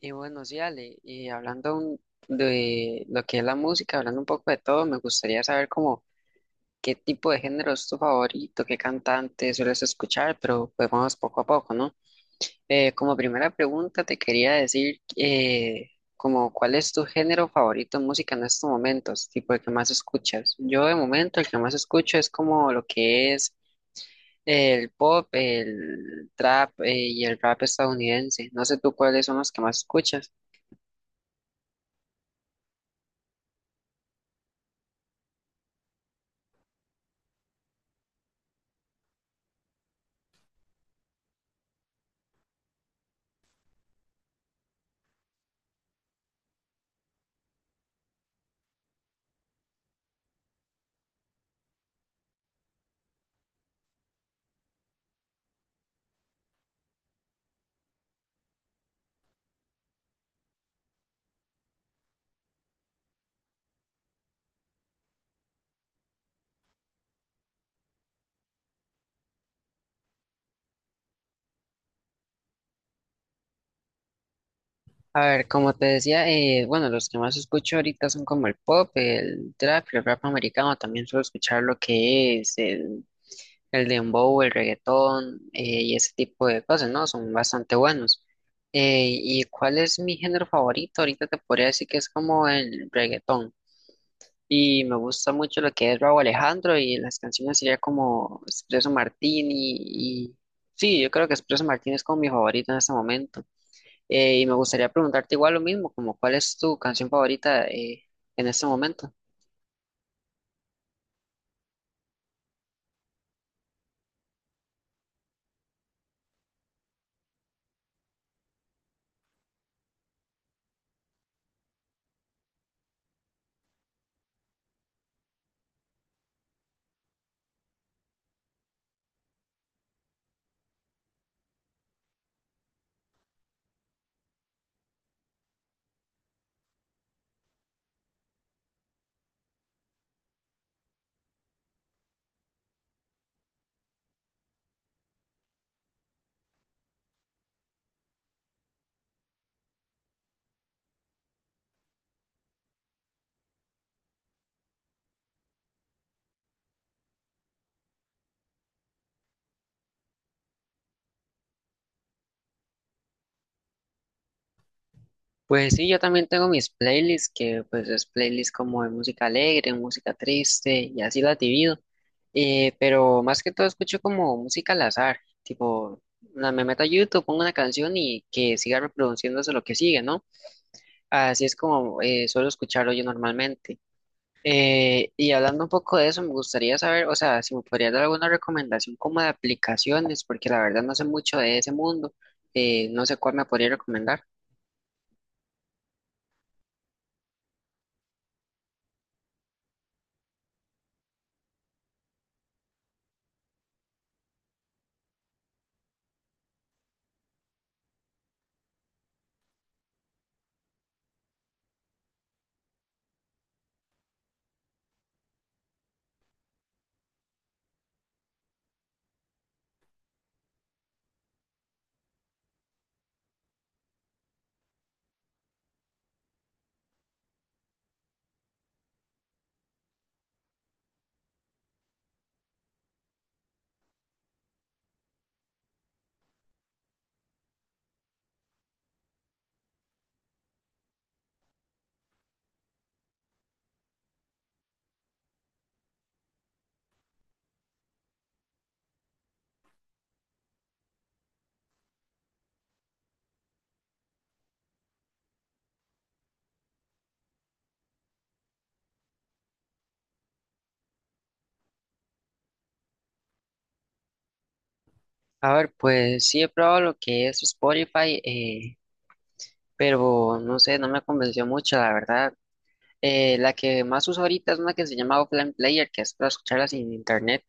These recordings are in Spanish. Y bueno, sí, Ale, de lo que es la música, hablando un poco de todo, me gustaría saber como qué tipo de género es tu favorito, qué cantante sueles escuchar, pero pues vamos poco a poco, ¿no? Como primera pregunta te quería decir como cuál es tu género favorito en música en estos momentos, tipo el que más escuchas. Yo de momento el que más escucho es como lo que es el pop, el trap y el rap estadounidense. No sé tú cuáles son los que más escuchas. A ver, como te decía, bueno, los que más escucho ahorita son como el pop, el trap, el rap americano, también suelo escuchar lo que es el dembow, el reggaetón y ese tipo de cosas, ¿no? Son bastante buenos. ¿Y cuál es mi género favorito? Ahorita te podría decir que es como el reggaetón. Y me gusta mucho lo que es Rauw Alejandro y las canciones sería como Espresso Martini y... Sí, yo creo que Espresso Martini es como mi favorito en este momento. Y me gustaría preguntarte igual lo mismo, como cuál es tu canción favorita en este momento. Pues sí, yo también tengo mis playlists, que pues es playlist como de música alegre, música triste y así la divido. Pero más que todo escucho como música al azar, tipo, me meto a YouTube, pongo una canción y que siga reproduciéndose lo que sigue, ¿no? Así es como suelo escucharlo yo normalmente. Y hablando un poco de eso, me gustaría saber, o sea, si me podrías dar alguna recomendación como de aplicaciones, porque la verdad no sé mucho de ese mundo, no sé cuál me podría recomendar. A ver, pues sí he probado lo que es Spotify, pero no sé, no me convenció mucho, la verdad. La que más uso ahorita es una que se llama Offline Player, que es para escucharla sin internet,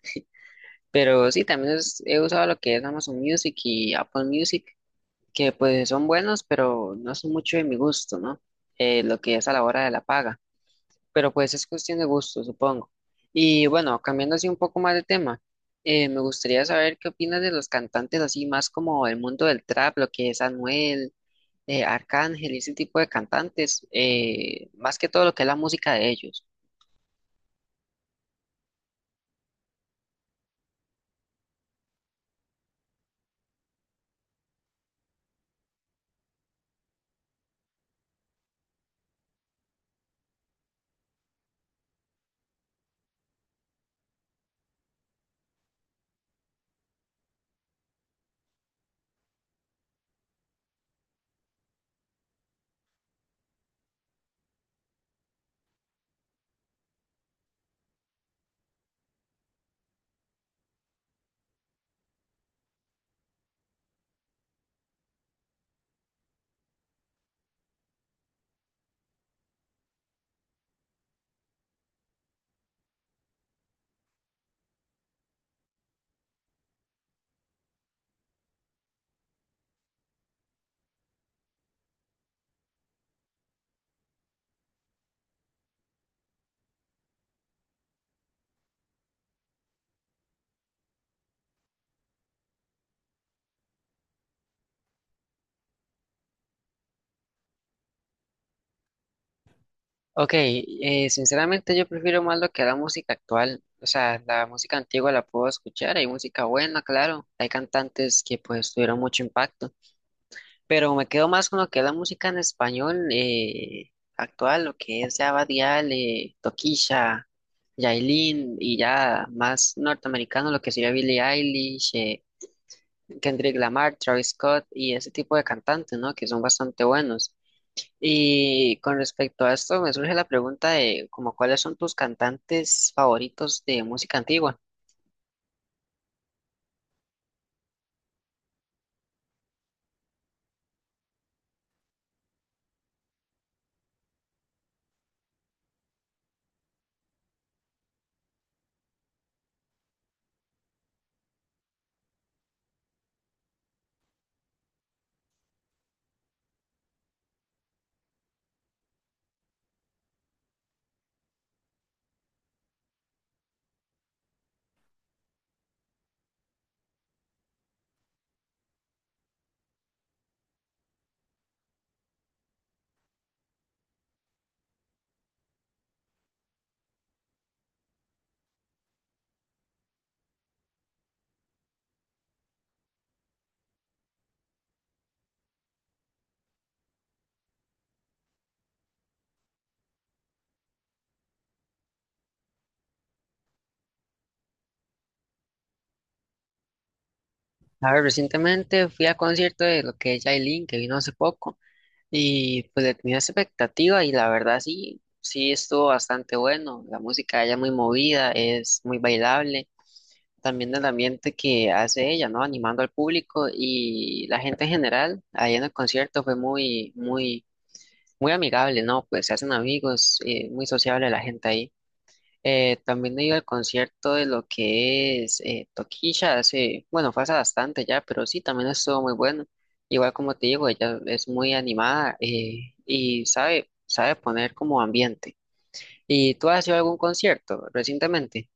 pero sí, también he usado lo que es Amazon Music y Apple Music. Que pues son buenos, pero no son mucho de mi gusto, ¿no? Lo que es a la hora de la paga, pero pues es cuestión de gusto, supongo. Y bueno, cambiando así un poco más de tema, me gustaría saber qué opinas de los cantantes así más como el mundo del trap, lo que es Anuel, Arcángel y ese tipo de cantantes, más que todo lo que es la música de ellos. Ok, sinceramente yo prefiero más lo que la música actual, o sea, la música antigua la puedo escuchar, hay música buena, claro, hay cantantes que pues tuvieron mucho impacto, pero me quedo más con lo que es la música en español actual, lo que es ya Bad Gyal, Toquilla, Yailin y ya más norteamericano, lo que sería Billie Eilish, Kendrick Lamar, Travis Scott y ese tipo de cantantes, ¿no? Que son bastante buenos. Y con respecto a esto, me surge la pregunta de como cuáles son tus cantantes favoritos de música antigua. A ver, recientemente fui a concierto de lo que es Yailin, que vino hace poco, y pues le tenía esa expectativa y la verdad sí, sí estuvo bastante bueno. La música de ella es muy movida, es muy bailable, también el ambiente que hace ella, ¿no? Animando al público y la gente en general, ahí en el concierto fue muy, muy, muy amigable, ¿no? Pues se hacen amigos, muy sociable la gente ahí. También he ido al concierto de lo que es Toquilla hace, bueno, fue hace bastante ya, pero sí, también estuvo muy bueno. Igual como te digo, ella es muy animada y sabe, sabe poner como ambiente. ¿Y tú has ido a algún concierto recientemente?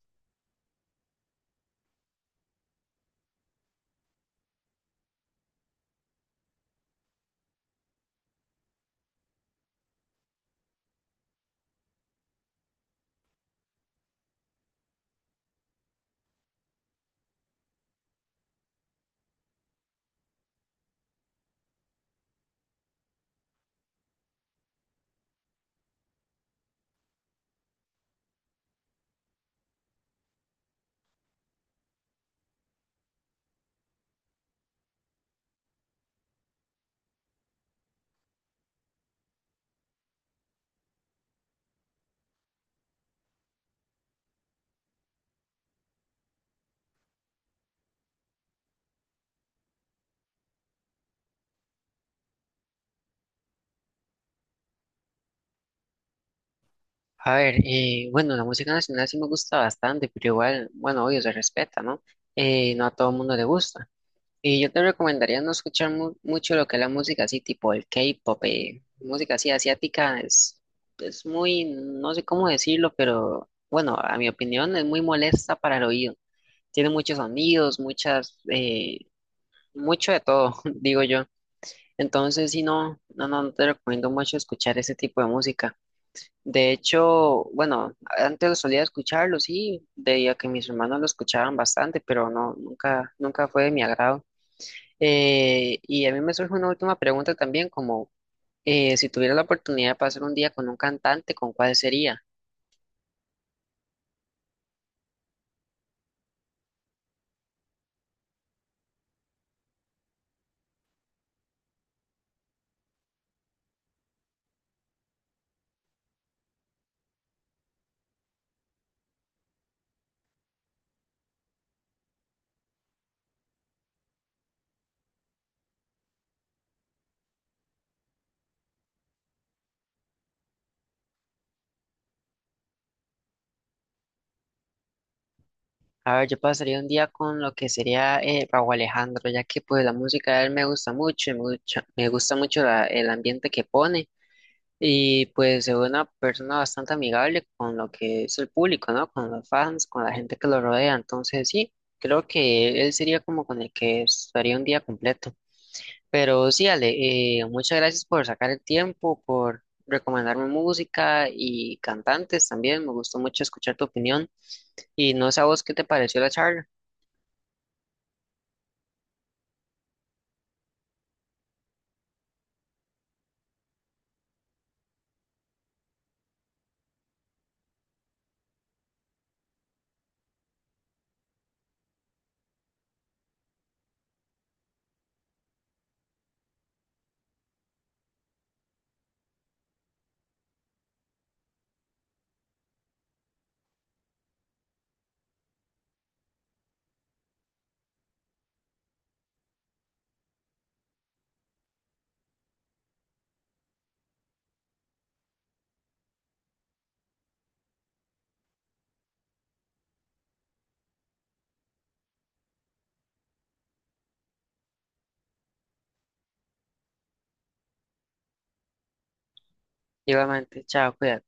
A ver, bueno, la música nacional sí me gusta bastante, pero igual, bueno, obvio, se respeta, ¿no? No a todo el mundo le gusta. Y yo te recomendaría no escuchar mucho lo que es la música así, tipo el K-pop, música así asiática, es muy, no sé cómo decirlo, pero bueno, a mi opinión es muy molesta para el oído. Tiene muchos sonidos, muchas, mucho de todo, digo yo. Entonces, si no te recomiendo mucho escuchar ese tipo de música. De hecho, bueno, antes lo solía escucharlo, sí, debido a que mis hermanos lo escuchaban bastante, pero no, nunca, nunca fue de mi agrado. Y a mí me surge una última pregunta también, como si tuviera la oportunidad de pasar un día con un cantante, ¿con cuál sería? A ver, yo pasaría un día con lo que sería Rauw Alejandro, ya que pues la música de él me gusta mucho, y me gusta mucho el ambiente que pone y pues es una persona bastante amigable con lo que es el público, ¿no? Con los fans, con la gente que lo rodea, entonces sí, creo que él sería como con el que estaría un día completo. Pero sí, Ale, muchas gracias por sacar el tiempo, por recomendarme música y cantantes también. Me gustó mucho escuchar tu opinión. Y no sé a vos qué te pareció la charla. Igualmente, chao, cuídate.